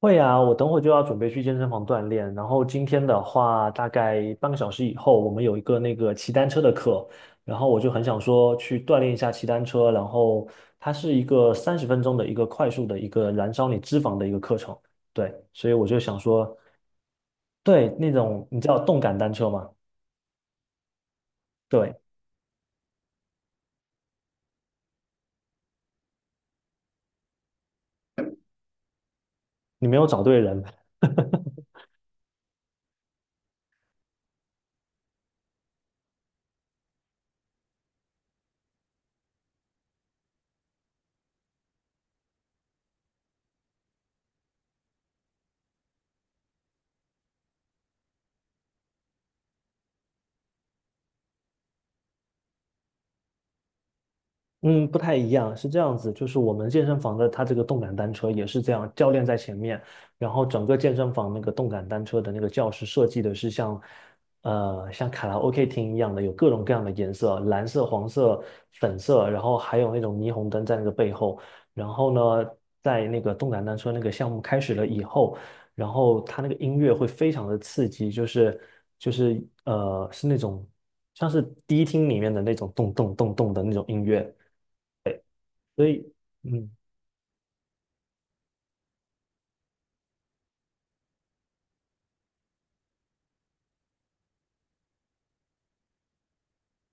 会啊，我等会就要准备去健身房锻炼。然后今天的话，大概半个小时以后，我们有一个那个骑单车的课，然后我就很想说去锻炼一下骑单车。然后它是一个30分钟的一个快速的一个燃烧你脂肪的一个课程，对，所以我就想说，对那种你知道动感单车吗？对，你没有找对人。嗯，不太一样，是这样子，就是我们健身房的它这个动感单车也是这样，教练在前面，然后整个健身房那个动感单车的那个教室设计的是像，像卡拉 OK 厅一样的，有各种各样的颜色，蓝色、黄色、粉色，然后还有那种霓虹灯在那个背后，然后呢，在那个动感单车那个项目开始了以后，然后它那个音乐会非常的刺激，就是是那种像是迪厅里面的那种咚咚咚咚的那种音乐。所以，嗯，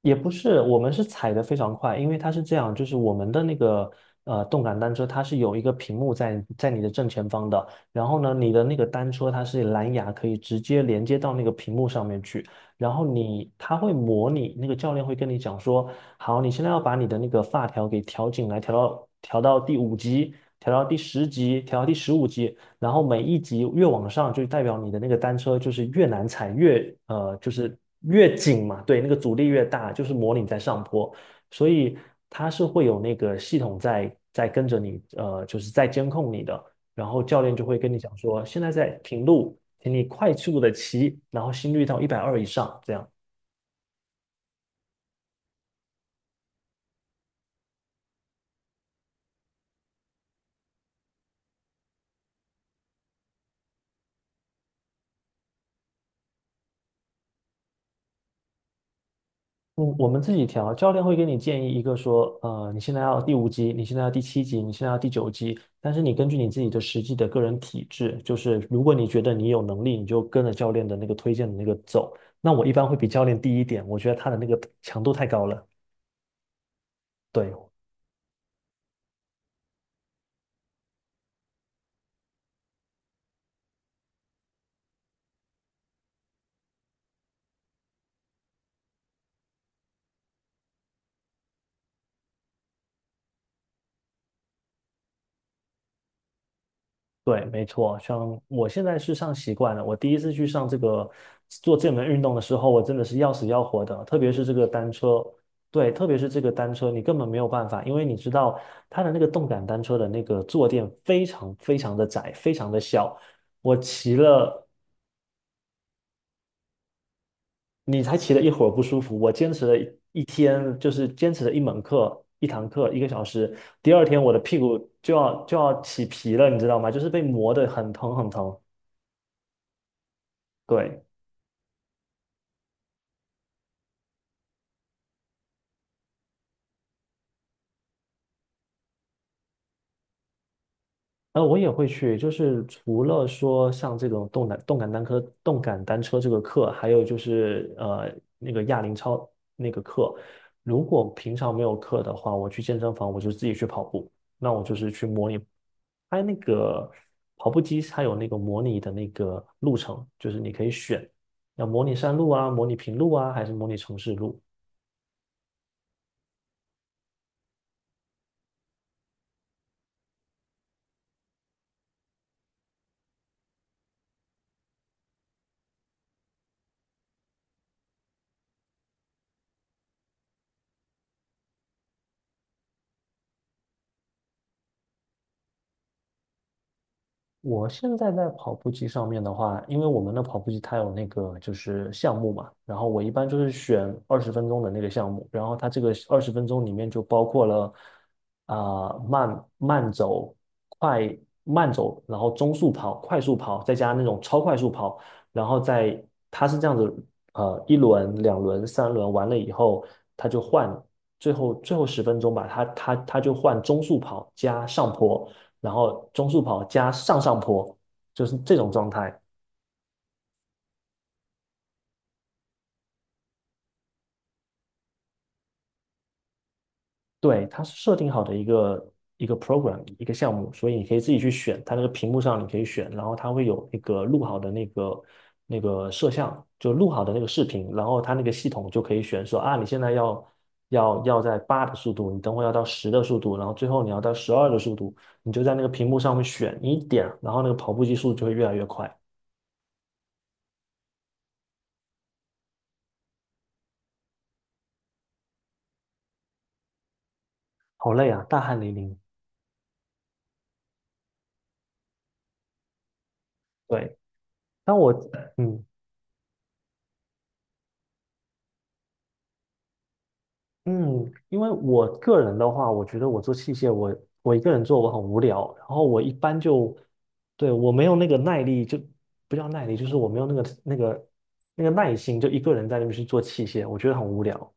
也不是，我们是踩得非常快，因为它是这样，就是我们的那个动感单车，它是有一个屏幕在你的正前方的，然后呢，你的那个单车它是蓝牙可以直接连接到那个屏幕上面去，然后它会模拟，那个教练会跟你讲说，好，你现在要把你的那个发条给调紧来，调到第五级，调到第10级，调到第15级，然后每一级越往上，就代表你的那个单车就是越难踩，越就是越紧嘛，对，那个阻力越大，就是模拟在上坡，所以它是会有那个系统在跟着你，就是在监控你的，然后教练就会跟你讲说，现在在平路，请你快速的骑，然后心率到120以上，这样。嗯，我们自己调，教练会给你建议一个说，你现在要第五级，你现在要第七级，你现在要第九级，但是你根据你自己的实际的个人体质，就是如果你觉得你有能力，你就跟着教练的那个推荐的那个走。那我一般会比教练低一点，我觉得他的那个强度太高了。对，对，没错，像我现在是上习惯了。我第一次去上这个做这门运动的时候，我真的是要死要活的。特别是这个单车，对，特别是这个单车，你根本没有办法，因为你知道它的那个动感单车的那个坐垫非常非常的窄，非常的小。我骑了，你才骑了一会儿不舒服，我坚持了一天，就是坚持了一门课，一堂课，1个小时。第二天我的屁股就要起皮了，你知道吗？就是被磨得很疼很疼。对。我也会去，就是除了说像这种动感单车这个课，还有就是那个哑铃操那个课。如果平常没有课的话，我去健身房，我就自己去跑步。那我就是去模拟，它那个跑步机它有那个模拟的那个路程，就是你可以选要模拟山路啊、模拟平路啊，还是模拟城市路。我现在在跑步机上面的话，因为我们的跑步机它有那个就是项目嘛，然后我一般就是选二十分钟的那个项目，然后它这个二十分钟里面就包括了啊、慢慢走、快慢走，然后中速跑、快速跑，再加那种超快速跑，然后再它是这样子，一轮、两轮、三轮完了以后，它就换最后十分钟吧，它就换中速跑加上坡。然后中速跑加上上坡，就是这种状态。对，它是设定好的一个 program 一个项目，所以你可以自己去选，它那个屏幕上你可以选，然后它会有那个录好的那个摄像，就录好的那个视频，然后它那个系统就可以选说啊，你现在要在8的速度，你等会要到十的速度，然后最后你要到12的速度，你就在那个屏幕上面选你一点，然后那个跑步机速度就会越来越快。好累啊，大汗淋漓。对，当我嗯。嗯，因为我个人的话，我觉得我做器械，我一个人做我很无聊，然后我一般就，对，我没有那个耐力，就不叫耐力，就是我没有那个耐心，就一个人在那边去做器械，我觉得很无聊。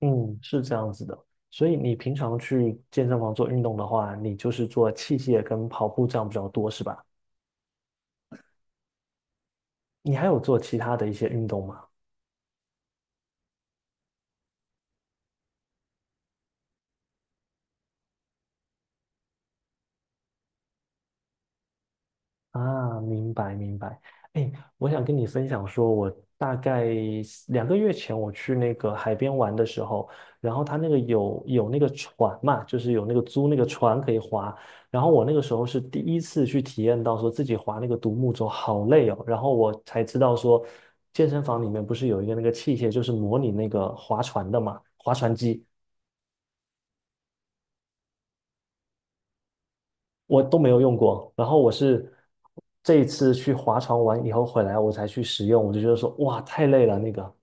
嗯，是这样子的。所以你平常去健身房做运动的话，你就是做器械跟跑步这样比较多，是吧？你还有做其他的一些运动吗？啊，明白明白。哎，我想跟你分享说，我大概2个月前我去那个海边玩的时候，然后他那个有那个船嘛，就是有那个租那个船可以划。然后我那个时候是第一次去体验到说自己划那个独木舟好累哦，然后我才知道说，健身房里面不是有一个那个器械，就是模拟那个划船的嘛，划船机。我都没有用过。然后我是这一次去划船玩以后回来，我才去使用，我就觉得说，哇，太累了那个。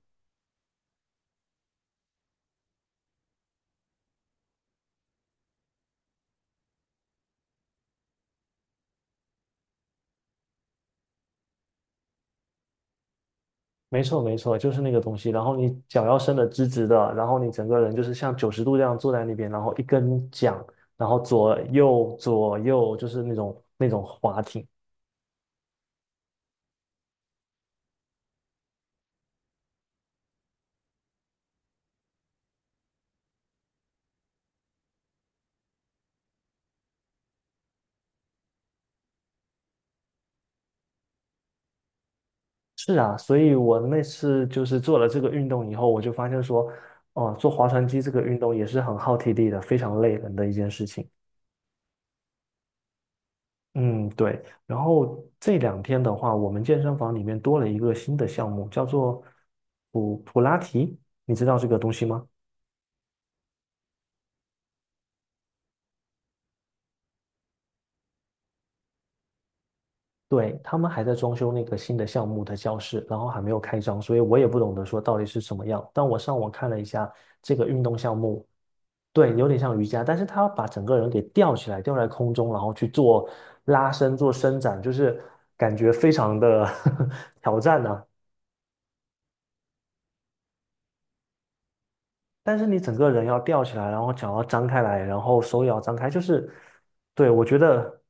没错，没错，就是那个东西。然后你脚要伸的直直的，然后你整个人就是像90度这样坐在那边，然后一根桨，然后左右左右就是那种划艇。是啊，所以我那次就是做了这个运动以后，我就发现说，哦、做划船机这个运动也是很耗体力的，非常累人的一件事情。嗯，对。然后这两天的话，我们健身房里面多了一个新的项目，叫做普拉提，你知道这个东西吗？对，他们还在装修那个新的项目的教室，然后还没有开张，所以我也不懂得说到底是什么样。但我上网看了一下这个运动项目，对，有点像瑜伽，但是他把整个人给吊起来，吊在空中，然后去做拉伸、做伸展，就是感觉非常的 挑战呢、但是你整个人要吊起来，然后脚要张开来，然后手也要张开，就是，对，我觉得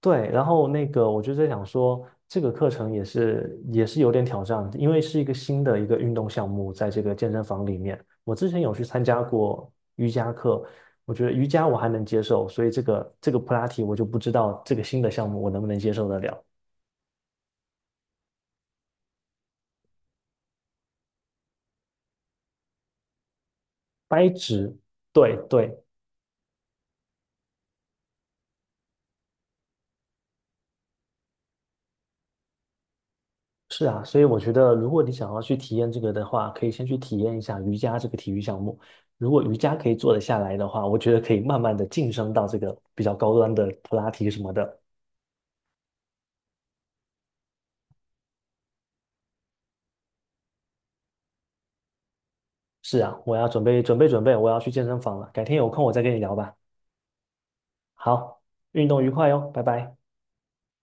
对。然后那个，我就在想说，这个课程也是有点挑战，因为是一个新的一个运动项目，在这个健身房里面，我之前有去参加过瑜伽课，我觉得瑜伽我还能接受，所以这个普拉提我就不知道这个新的项目我能不能接受得了。掰直，对对，是啊，所以我觉得，如果你想要去体验这个的话，可以先去体验一下瑜伽这个体育项目。如果瑜伽可以做得下来的话，我觉得可以慢慢的晋升到这个比较高端的普拉提什么的。是啊，我要准备准备准备，我要去健身房了。改天有空我再跟你聊吧。好，运动愉快哟，拜拜。